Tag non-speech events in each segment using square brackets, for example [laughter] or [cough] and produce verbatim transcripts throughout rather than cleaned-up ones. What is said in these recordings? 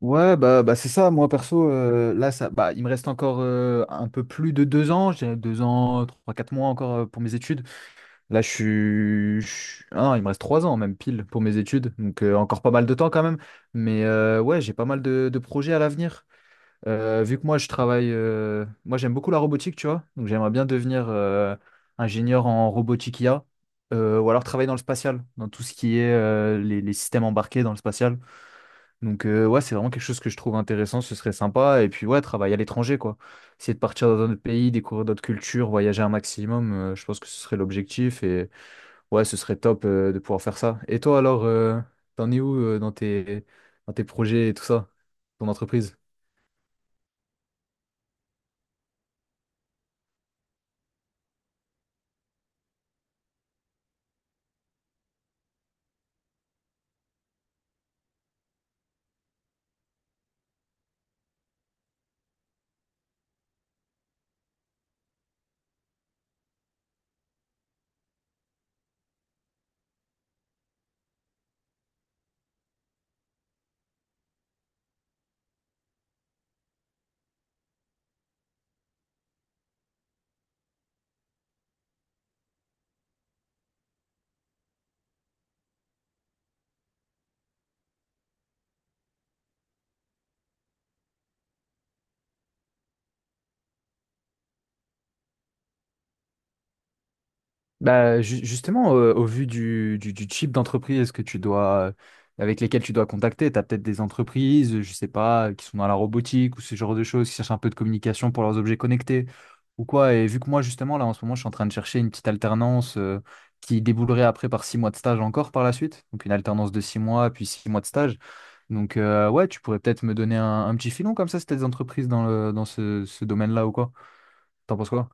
Ouais, bah, bah c'est ça, moi perso, euh, là, ça, bah, il me reste encore euh, un peu plus de deux ans, j'ai deux ans, trois, quatre mois encore euh, pour mes études. Là, je suis... je suis- ah non, il me reste trois ans même pile pour mes études, donc euh, encore pas mal de temps quand même. Mais euh, ouais, j'ai pas mal de, de projets à l'avenir. Euh, vu que moi, je travaille... euh, Moi, j'aime beaucoup la robotique, tu vois, donc j'aimerais bien devenir euh, ingénieur en robotique I A, euh, ou alors travailler dans le spatial, dans tout ce qui est euh, les les systèmes embarqués dans le spatial. Donc euh, ouais, c'est vraiment quelque chose que je trouve intéressant, ce serait sympa. Et puis ouais, travailler à l'étranger, quoi. Essayer de partir dans d'autres pays, découvrir d'autres cultures, voyager un maximum, euh, je pense que ce serait l'objectif. Et ouais, ce serait top euh, de pouvoir faire ça. Et toi alors, euh, t'en es où euh, dans tes, dans tes projets et tout ça, ton entreprise? Bah, ju- justement, euh, au vu du, du, du type d'entreprise que tu dois, avec lesquelles tu dois contacter, tu as peut-être des entreprises, je sais pas, qui sont dans la robotique ou ce genre de choses, qui cherchent un peu de communication pour leurs objets connectés ou quoi. Et vu que moi, justement, là, en ce moment, je suis en train de chercher une petite alternance euh, qui déboulerait après par six mois de stage encore par la suite. Donc, une alternance de six mois, puis six mois de stage. Donc, euh, ouais, tu pourrais peut-être me donner un, un petit filon comme ça, si t'as des entreprises dans le, dans ce, ce domaine-là ou quoi. T'en penses quoi?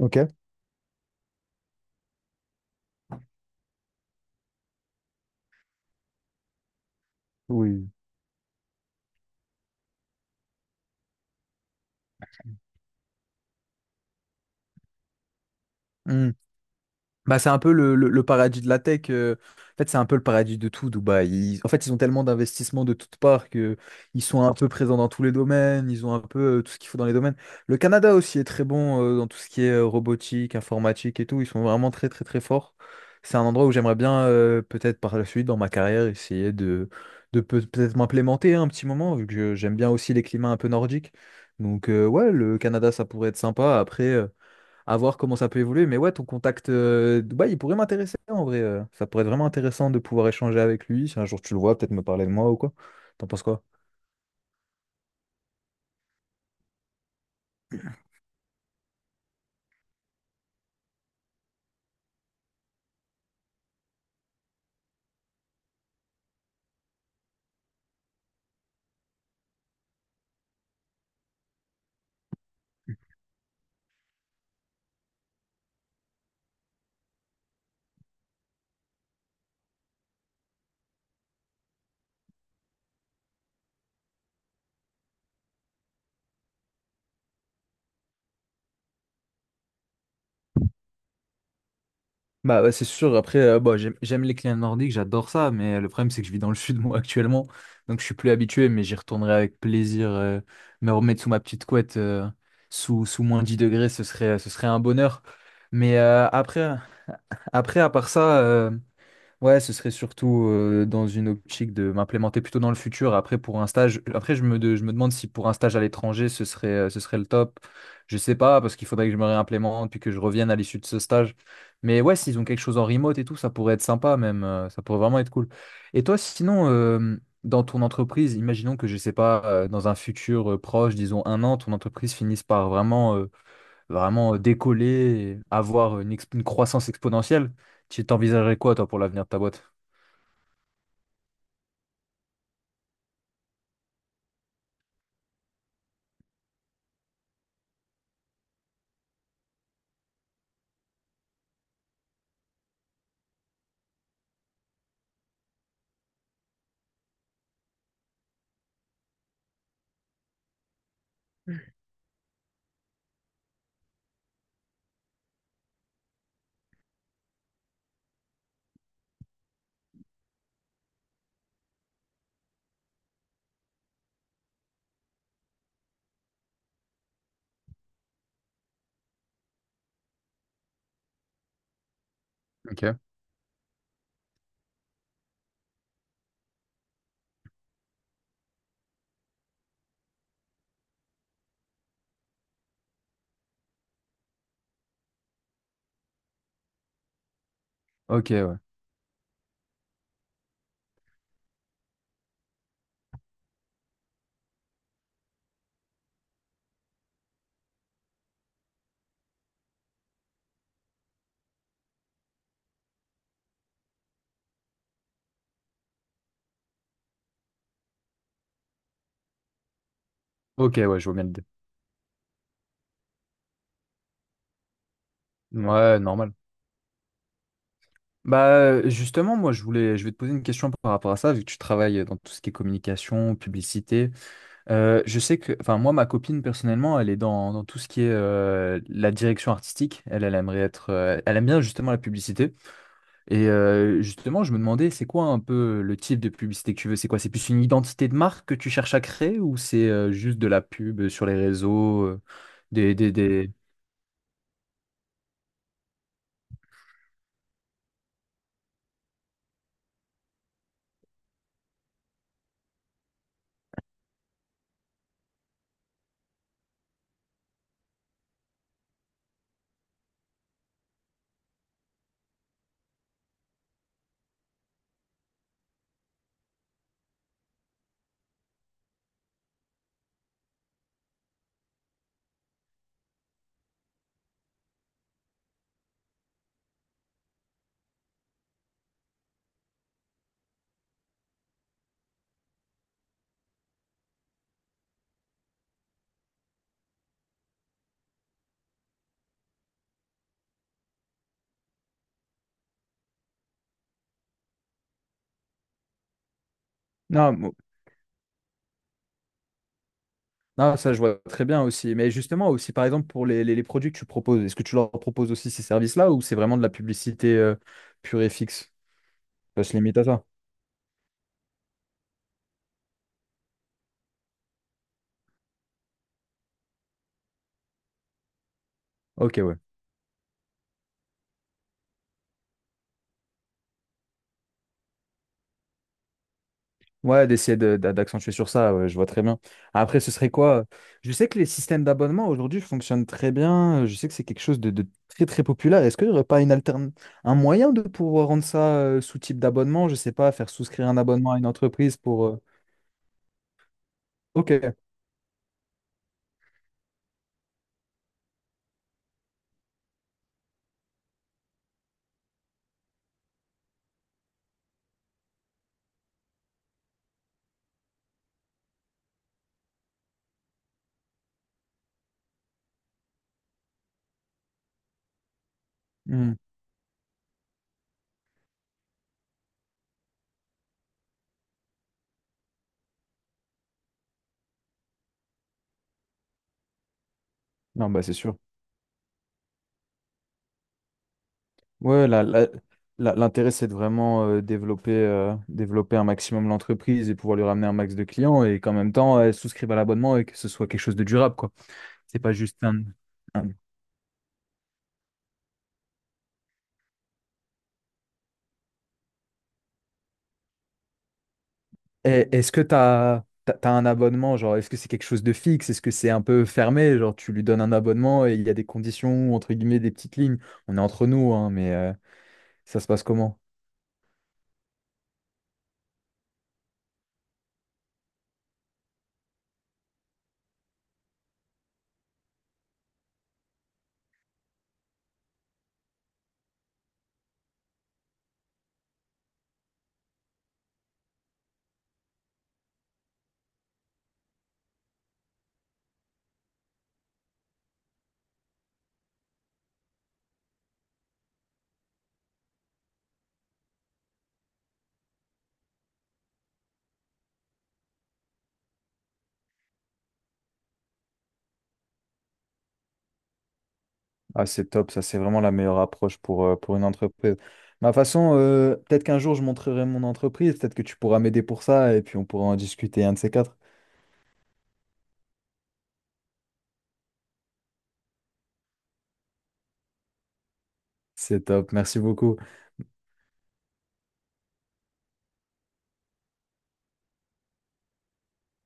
Ok, oui. Bah, c'est un peu le, le- le paradis de la tech. Euh, en fait, c'est un peu le paradis de tout, Dubaï. Ils- en fait, ils ont tellement d'investissements de toutes parts que ils sont un peu présents dans tous les domaines. Ils ont un peu euh, tout ce qu'il faut dans les domaines. Le Canada aussi est très bon euh, dans tout ce qui est euh, robotique, informatique et tout. Ils sont vraiment très, très, très forts. C'est un endroit où j'aimerais bien, euh, peut-être par la suite, dans ma carrière, essayer de, de peut- peut-être m'implémenter un petit moment, vu que je- j'aime bien aussi les climats un peu nordiques. Donc, euh, ouais, le Canada, ça pourrait être sympa. Après, euh, à voir comment ça peut évoluer. Mais ouais, ton contact euh, Dubaï, il pourrait m'intéresser en vrai. Euh, ça pourrait être vraiment intéressant de pouvoir échanger avec lui. Si un jour tu le vois, peut-être me parler de moi ou quoi. T'en penses quoi? Bah, ouais, c'est sûr, après, euh, bah, j'aime, j'aime les clients nordiques, j'adore ça, mais euh, le problème c'est que je vis dans le sud [laughs] moi actuellement, donc je suis plus habitué, mais j'y retournerai avec plaisir, euh, me remettre sous ma petite couette, euh, sous, sous moins dix degrés, ce serait, ce serait un bonheur. Mais euh, après, après, à part ça, euh, ouais, ce serait surtout euh, dans une optique de m'implémenter plutôt dans le futur. Après, pour un stage, après je me, de- je me demande si pour un stage à l'étranger, ce serait, euh, ce serait le top. Je sais pas, parce qu'il faudrait que je me réimplémente puis que je revienne à l'issue de ce stage. Mais ouais, s'ils ont quelque chose en remote et tout, ça pourrait être sympa même. Euh, ça pourrait vraiment être cool. Et toi, sinon, euh, dans ton entreprise, imaginons que, je sais pas, euh, dans un futur euh, proche, disons un an, ton entreprise finisse par vraiment euh, vraiment euh, décoller, et avoir une, exp- une croissance exponentielle. Tu t'envisagerais quoi, toi, pour l'avenir de ta boîte? Ok. Ok, ouais. Ok, ouais, je vois bien l'idée. Ouais, normal. Bah, euh, justement, moi, je voulais, je vais te poser une question par rapport à ça, vu que tu travailles dans tout ce qui est communication, publicité. Euh, je sais que, enfin, moi, ma copine, personnellement, elle est dans, dans tout ce qui est euh, la direction artistique. Elle, elle aimerait être, euh, elle aime bien justement la publicité. Et euh, justement, je me demandais, c'est quoi un peu le type de publicité que tu veux? C'est quoi? C'est plus une identité de marque que tu cherches à créer ou c'est euh, juste de la pub sur les réseaux, euh, des, des, des... Non, mo- non, ça je vois très bien aussi. Mais justement, aussi par exemple pour les, les, les produits que tu proposes, est-ce que tu leur proposes aussi ces services-là ou c'est vraiment de la publicité euh, pure et fixe? Ça se limite à ça? Ok, ouais. Ouais, d'essayer de- d'a- d'accentuer sur ça, ouais, je vois très bien. Après, ce serait quoi? Je sais que les systèmes d'abonnement aujourd'hui fonctionnent très bien. Je sais que c'est quelque chose de, de très très populaire. Est-ce qu'il n'y aurait pas une alterne... Un moyen de pouvoir rendre ça euh, sous type d'abonnement? Je sais pas, faire souscrire un abonnement à une entreprise pour. Euh, ok. Hmm. Non, bah c'est sûr. Ouais, la- la- la- l'intérêt, c'est de vraiment euh, développer, euh, développer un maximum l'entreprise et pouvoir lui ramener un max de clients et qu'en même temps, elle souscrive à l'abonnement et que ce soit quelque chose de durable, quoi. C'est pas juste un. Un- Et- est-ce que t'as, t'as, t'as un abonnement, genre, est-ce que c'est quelque chose de fixe? Est-ce que c'est un peu fermé? Genre, tu lui donnes un abonnement et il y a des conditions, entre guillemets, des petites lignes. On est entre nous, hein, mais euh, ça se passe comment? Ah, c'est top, ça, c'est vraiment la meilleure approche pour, euh, pour une entreprise. Ma façon, euh, peut-être qu'un jour, je montrerai mon entreprise, peut-être que tu pourras m'aider pour ça et puis on pourra en discuter un de ces quatre. C'est top, merci beaucoup.